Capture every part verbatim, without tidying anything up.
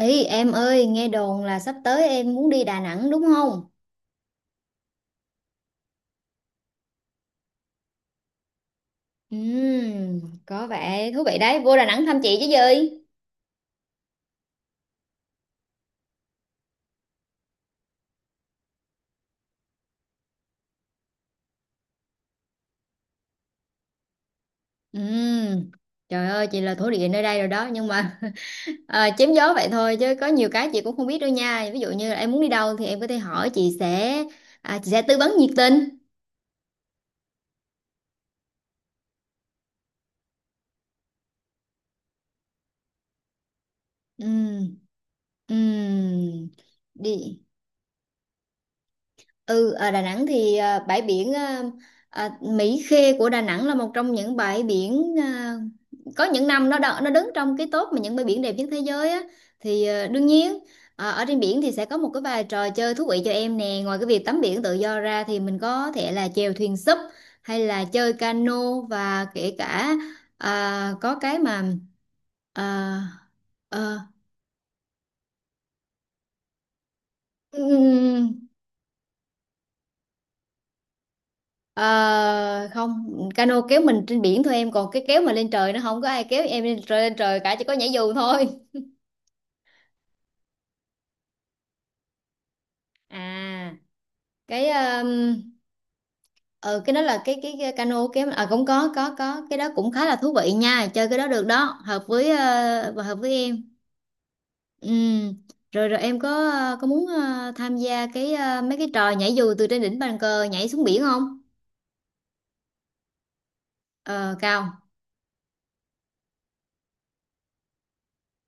Ý em ơi, nghe đồn là sắp tới em muốn đi Đà Nẵng đúng không? Ừm, có vẻ thú vị đấy, vô Đà Nẵng thăm chị chứ gì? Ừm, trời ơi, chị là thổ địa nơi đây rồi đó, nhưng mà à, chém gió vậy thôi chứ có nhiều cái chị cũng không biết đâu nha. Ví dụ như là em muốn đi đâu thì em có thể hỏi chị sẽ à, chị sẽ tư vấn nhiệt tình. Ừm, ừm, đi. Ừ, ở Đà Nẵng thì à, bãi biển à, à, Mỹ Khê của Đà Nẵng là một trong những bãi biển à, có những năm nó đo- nó đứng trong cái top mà những bãi biển đẹp nhất thế giới á, thì à, đương nhiên à, ở trên biển thì sẽ có một cái vài trò chơi thú vị cho em nè, ngoài cái việc tắm biển tự do ra thì mình có thể là chèo thuyền súp hay là chơi cano, và kể cả à, có cái mà à, à, Ờ, không, cano kéo mình trên biển thôi em, còn cái kéo mà lên trời nó không có ai kéo em lên trời lên trời cả, chỉ có nhảy dù thôi. À, cái um, ờ cái đó là cái cái, cái cano kéo, à cũng có, có có cái đó cũng khá là thú vị nha, chơi cái đó được đó, hợp với ờ, và hợp với em. Ừ. Rồi rồi, em có ờ, có muốn ờ, tham gia cái ờ, mấy cái trò nhảy dù từ trên đỉnh bàn cờ nhảy xuống biển không? ờ Cao.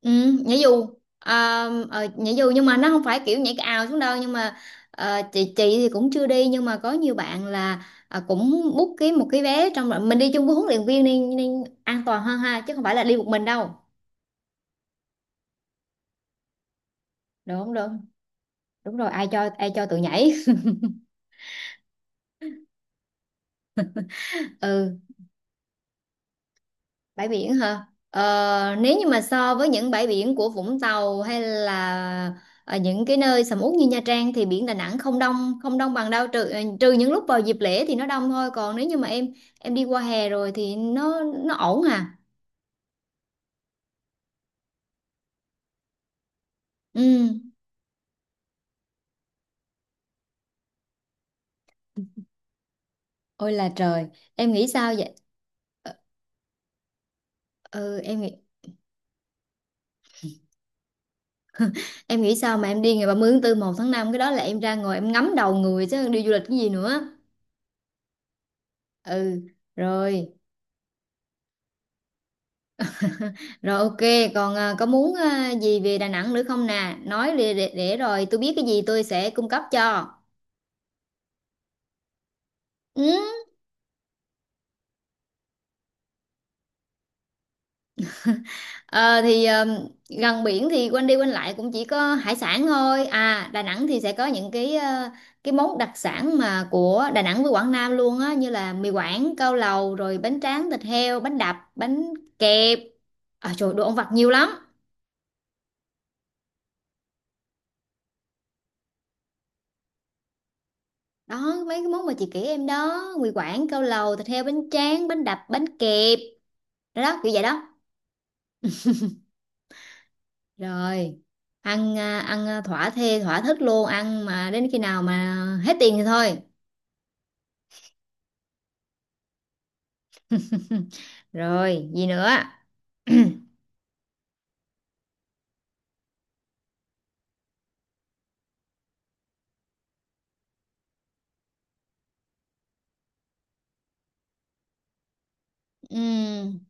Ừ, nhảy dù à, ờ, nhảy dù nhưng mà nó không phải kiểu nhảy ào xuống đâu, nhưng mà ờ, chị chị thì cũng chưa đi, nhưng mà có nhiều bạn là ờ, cũng book cái một cái vé, trong rồi mình đi chung với huấn luyện viên nên, nên, an toàn hơn ha, chứ không phải là đi một mình đâu. Đúng không được, đúng rồi, ai cho ai cho tụi nhảy. Ừ. Bãi biển hả? Ờ, nếu như mà so với những bãi biển của Vũng Tàu hay là ở những cái nơi sầm uất như Nha Trang thì biển Đà Nẵng không đông không đông bằng đâu, trừ ờ, trừ những lúc vào dịp lễ thì nó đông thôi, còn nếu như mà em em đi qua hè rồi thì nó nó ổn à. Ừ. Ôi là trời, em nghĩ sao vậy? Ờ, ừ, em nghĩ em nghĩ sao mà em đi ngày ba mươi tháng bốn, một tháng năm? Cái đó là em ra ngồi em ngắm đầu người chứ đi du lịch cái gì nữa. Ừ. Rồi. Rồi, ok, còn à, có muốn à, gì về Đà Nẵng nữa không nè? Nói để, để, để rồi tôi biết cái gì tôi sẽ cung cấp cho. Ừ. Ờ, thì ờ, gần biển thì quanh đi quanh lại cũng chỉ có hải sản thôi. À, Đà Nẵng thì sẽ có những cái ờ, cái món đặc sản mà của Đà Nẵng với Quảng Nam luôn á, như là mì Quảng, cao lầu, rồi bánh tráng thịt heo, bánh đập, bánh kẹp. À trời, đồ ăn vặt nhiều lắm. Đó, mấy cái món mà chị kể em đó, mì Quảng, cao lầu, thịt heo, bánh tráng, bánh đập, bánh kẹp. Đó, đó, kiểu vậy đó. Rồi, ăn à, ăn à, thỏa thê thỏa thích luôn, ăn mà đến khi nào mà hết tiền thì thôi. Rồi gì nữa? Ừm,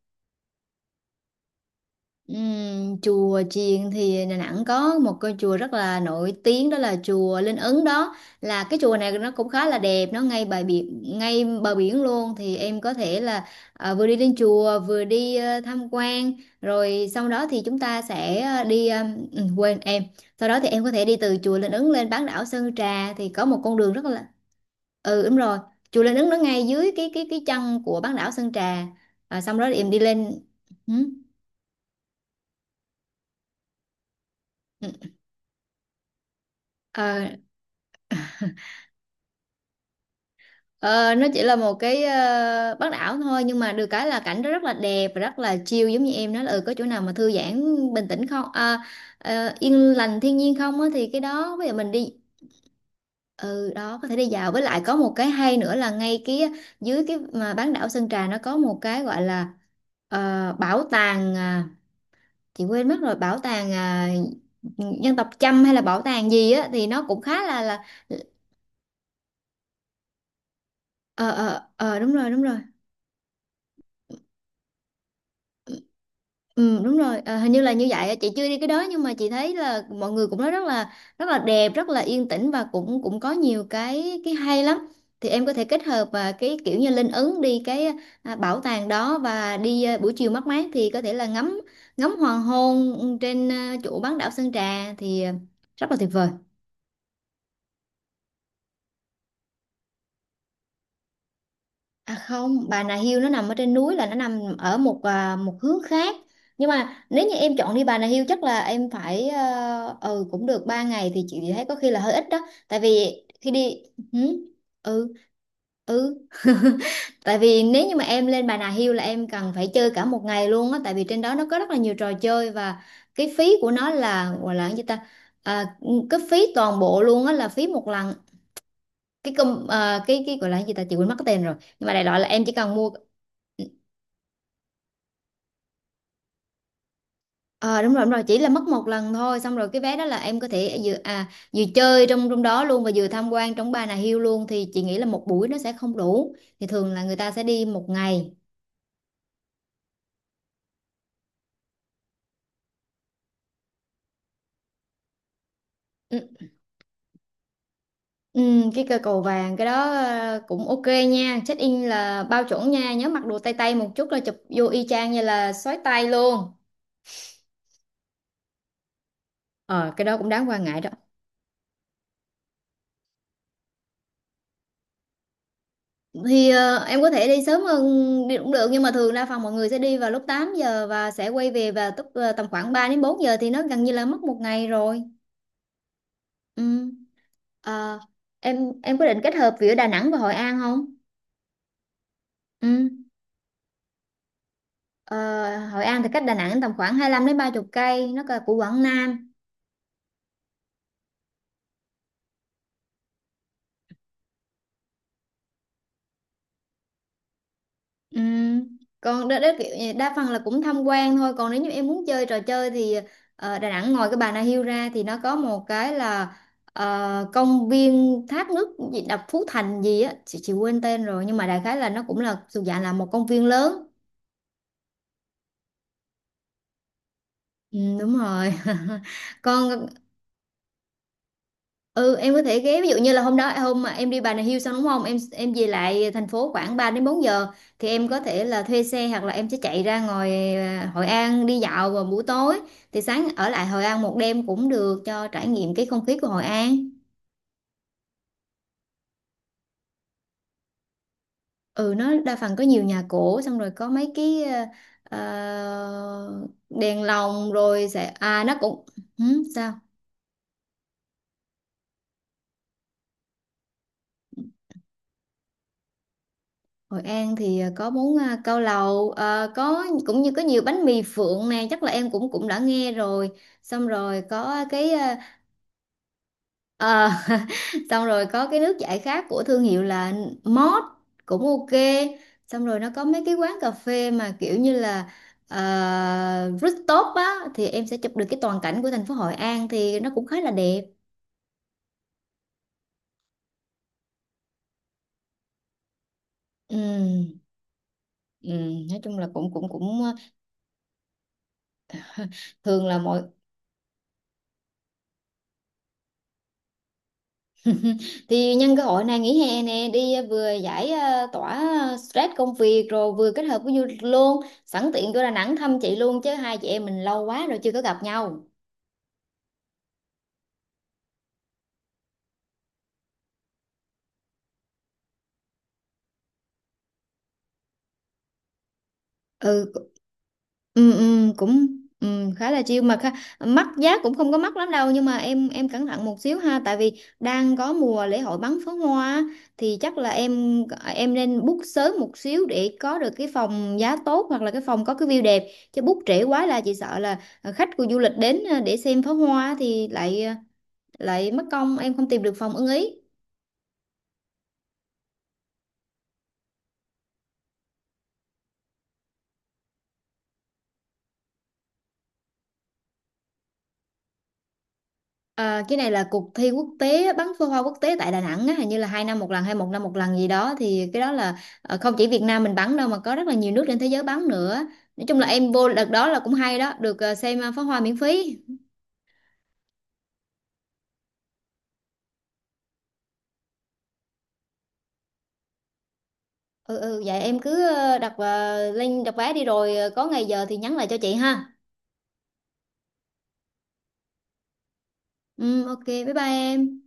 Ừm, chùa chiền thì Đà Nẵng có một cái chùa rất là nổi tiếng, đó là chùa Linh Ứng. Đó là cái chùa này nó cũng khá là đẹp, nó ngay bờ biển, ngay bờ biển luôn, thì em có thể là à, vừa đi lên chùa vừa đi ờ, tham quan, rồi sau đó thì chúng ta sẽ, ờ, đi ờ, ừ, quên em, sau đó thì em có thể đi từ chùa Linh Ứng lên bán đảo Sơn Trà, thì có một con đường rất là, ừ, đúng rồi, chùa Linh Ứng nó ngay dưới cái cái cái chân của bán đảo Sơn Trà. À, xong đó thì em đi lên. Ừ. Ừ. Ờ, Ờ, nó chỉ là một cái ờ, bán đảo thôi, nhưng mà được cái là cảnh nó rất là đẹp và rất là chill, giống như em nói là, ừ, có chỗ nào mà thư giãn, bình tĩnh không, à, ờ, yên lành thiên nhiên không á, thì cái đó bây giờ mình đi. Ừ, đó, có thể đi dạo, với lại có một cái hay nữa là ngay kia, dưới cái mà bán đảo Sơn Trà nó có một cái gọi là, ờ, bảo tàng, à, chị quên mất rồi, bảo tàng à, dân tộc Chăm hay là bảo tàng gì á, thì nó cũng khá là là, ờ ờ ờ, đúng rồi đúng rồi. Ừ, đúng rồi, à, hình như là như vậy, chị chưa đi cái đó, nhưng mà chị thấy là mọi người cũng nói rất là rất là đẹp, rất là yên tĩnh, và cũng cũng có nhiều cái cái hay lắm. Thì em có thể kết hợp và cái kiểu như Linh Ứng đi cái à, bảo tàng đó, và đi à, buổi chiều mát mát thì có thể là ngắm ngắm hoàng hôn trên à, chỗ bán đảo Sơn Trà, thì à, rất là tuyệt vời. À không, Bà Nà Hills nó nằm ở trên núi, là nó nằm ở một à, một hướng khác. Nhưng mà nếu như em chọn đi Bà Nà Hills chắc là em phải, ờ, ừ cũng được ba ngày thì chị thấy có khi là hơi ít đó. Tại vì khi đi, ừ, ừ, ừ. Tại vì nếu như mà em lên Bà Nà Hills là em cần phải chơi cả một ngày luôn á, tại vì trên đó nó có rất là nhiều trò chơi, và cái phí của nó là gọi là cái gì ta? À, cái phí toàn bộ luôn á, là phí một lần cái công, ờ, cái cái gọi là cái gì ta, chị quên mất cái tên rồi, nhưng mà đại loại là em chỉ cần mua. Ờ, đúng rồi đúng rồi, chỉ là mất một lần thôi, xong rồi cái vé đó là em có thể vừa à vừa chơi trong trong đó luôn, và vừa tham quan trong Bà Nà Hills luôn, thì chị nghĩ là một buổi nó sẽ không đủ, thì thường là người ta sẽ đi một ngày. Ừ, ừ, cái cây cầu vàng, cái đó ờ, cũng ok nha, check in là bao chuẩn nha, nhớ mặc đồ tay tay một chút là chụp vô y chang như là xoáy tay luôn. ờ cái đó cũng đáng quan ngại đó. Thì ờ, em có thể đi sớm hơn, đi cũng được, nhưng mà thường đa phần mọi người sẽ đi vào lúc tám giờ và sẽ quay về vào, tức ờ, tầm khoảng ba đến bốn giờ, thì nó gần như là mất một ngày rồi. Ừ. Ờ, em em có định kết hợp giữa Đà Nẵng và Hội An không? Ừ. Ờ, Hội An thì cách Đà Nẵng tầm khoảng hai lăm đến ba mươi cây, nó là của Quảng Nam. Ừ. Còn đó, đó kiểu như đa phần là cũng tham quan thôi, còn nếu như em muốn chơi trò chơi thì ờ, Đà Nẵng ngoài cái Bà Nà Hills ra thì nó có một cái là ờ, công viên thác nước gì đập Phú Thành gì á, chị, chị quên tên rồi, nhưng mà đại khái là nó cũng là thuộc dạng là một công viên lớn. Ừ, đúng rồi. Còn, ừ, em có thể ghé, ví dụ như là hôm đó, hôm mà em đi Bà Nà Hills xong đúng không, em em về lại thành phố khoảng ba đến bốn giờ, thì em có thể là thuê xe, hoặc là em sẽ chạy ra ngoài à, Hội An đi dạo vào buổi tối, thì sáng ở lại Hội An một đêm cũng được, cho trải nghiệm cái không khí của Hội An. Ừ, nó đa phần có nhiều nhà cổ, xong rồi có mấy cái à, à, đèn lồng rồi sẽ à nó cũng, ừ, sao. Hội An thì ờ, có bún, ờ, cao lầu, ờ, có cũng như có nhiều bánh mì Phượng nè, chắc là em cũng cũng đã nghe rồi, xong rồi có cái ờ, ờ, xong rồi có cái nước giải khát của thương hiệu là Mót, cũng ok, xong rồi nó có mấy cái quán cà phê mà kiểu như là uh, rooftop á, thì em sẽ chụp được cái toàn cảnh của thành phố Hội An thì nó cũng khá là đẹp. Ừm, ừm, nói chung là cũng cũng cũng ờ, thường là mọi, thì nhân cơ hội này nghỉ hè nè, đi ờ, vừa giải ờ, tỏa ờ, stress công việc, rồi vừa kết hợp với du lịch luôn, sẵn tiện vô Đà Nẵng thăm chị luôn, chứ hai chị em mình lâu quá rồi chưa có gặp nhau. Ừ ừ, ừ cũng ừ, khá là chill mà khá, mắc giá cũng không có mắc lắm đâu, nhưng mà em em cẩn thận một xíu ha, tại vì đang có mùa lễ hội bắn pháo hoa á, thì chắc là em em nên book sớm một xíu để có được cái phòng giá tốt, hoặc là cái phòng có cái view đẹp, chứ book trễ quá là chị sợ là khách của du lịch đến ờ, để xem pháo hoa thì lại ờ, lại mất công em không tìm được phòng ưng ý. Ờ, cái này là cuộc thi quốc tế, bắn pháo hoa quốc tế tại Đà Nẵng á, hình như là hai năm một lần hay một năm một lần gì đó, thì cái đó là ờ, không chỉ Việt Nam mình bắn đâu, mà có rất là nhiều nước trên thế giới bắn nữa. Nói chung là em vô đợt đó là cũng hay đó, được ờ, xem ờ, pháo hoa miễn phí. Ừ, ừ, vậy em cứ ờ, đặt ờ, link đặt vé đi, rồi ờ, có ngày giờ thì nhắn lại cho chị ha. Ừ, ok, bye bye em.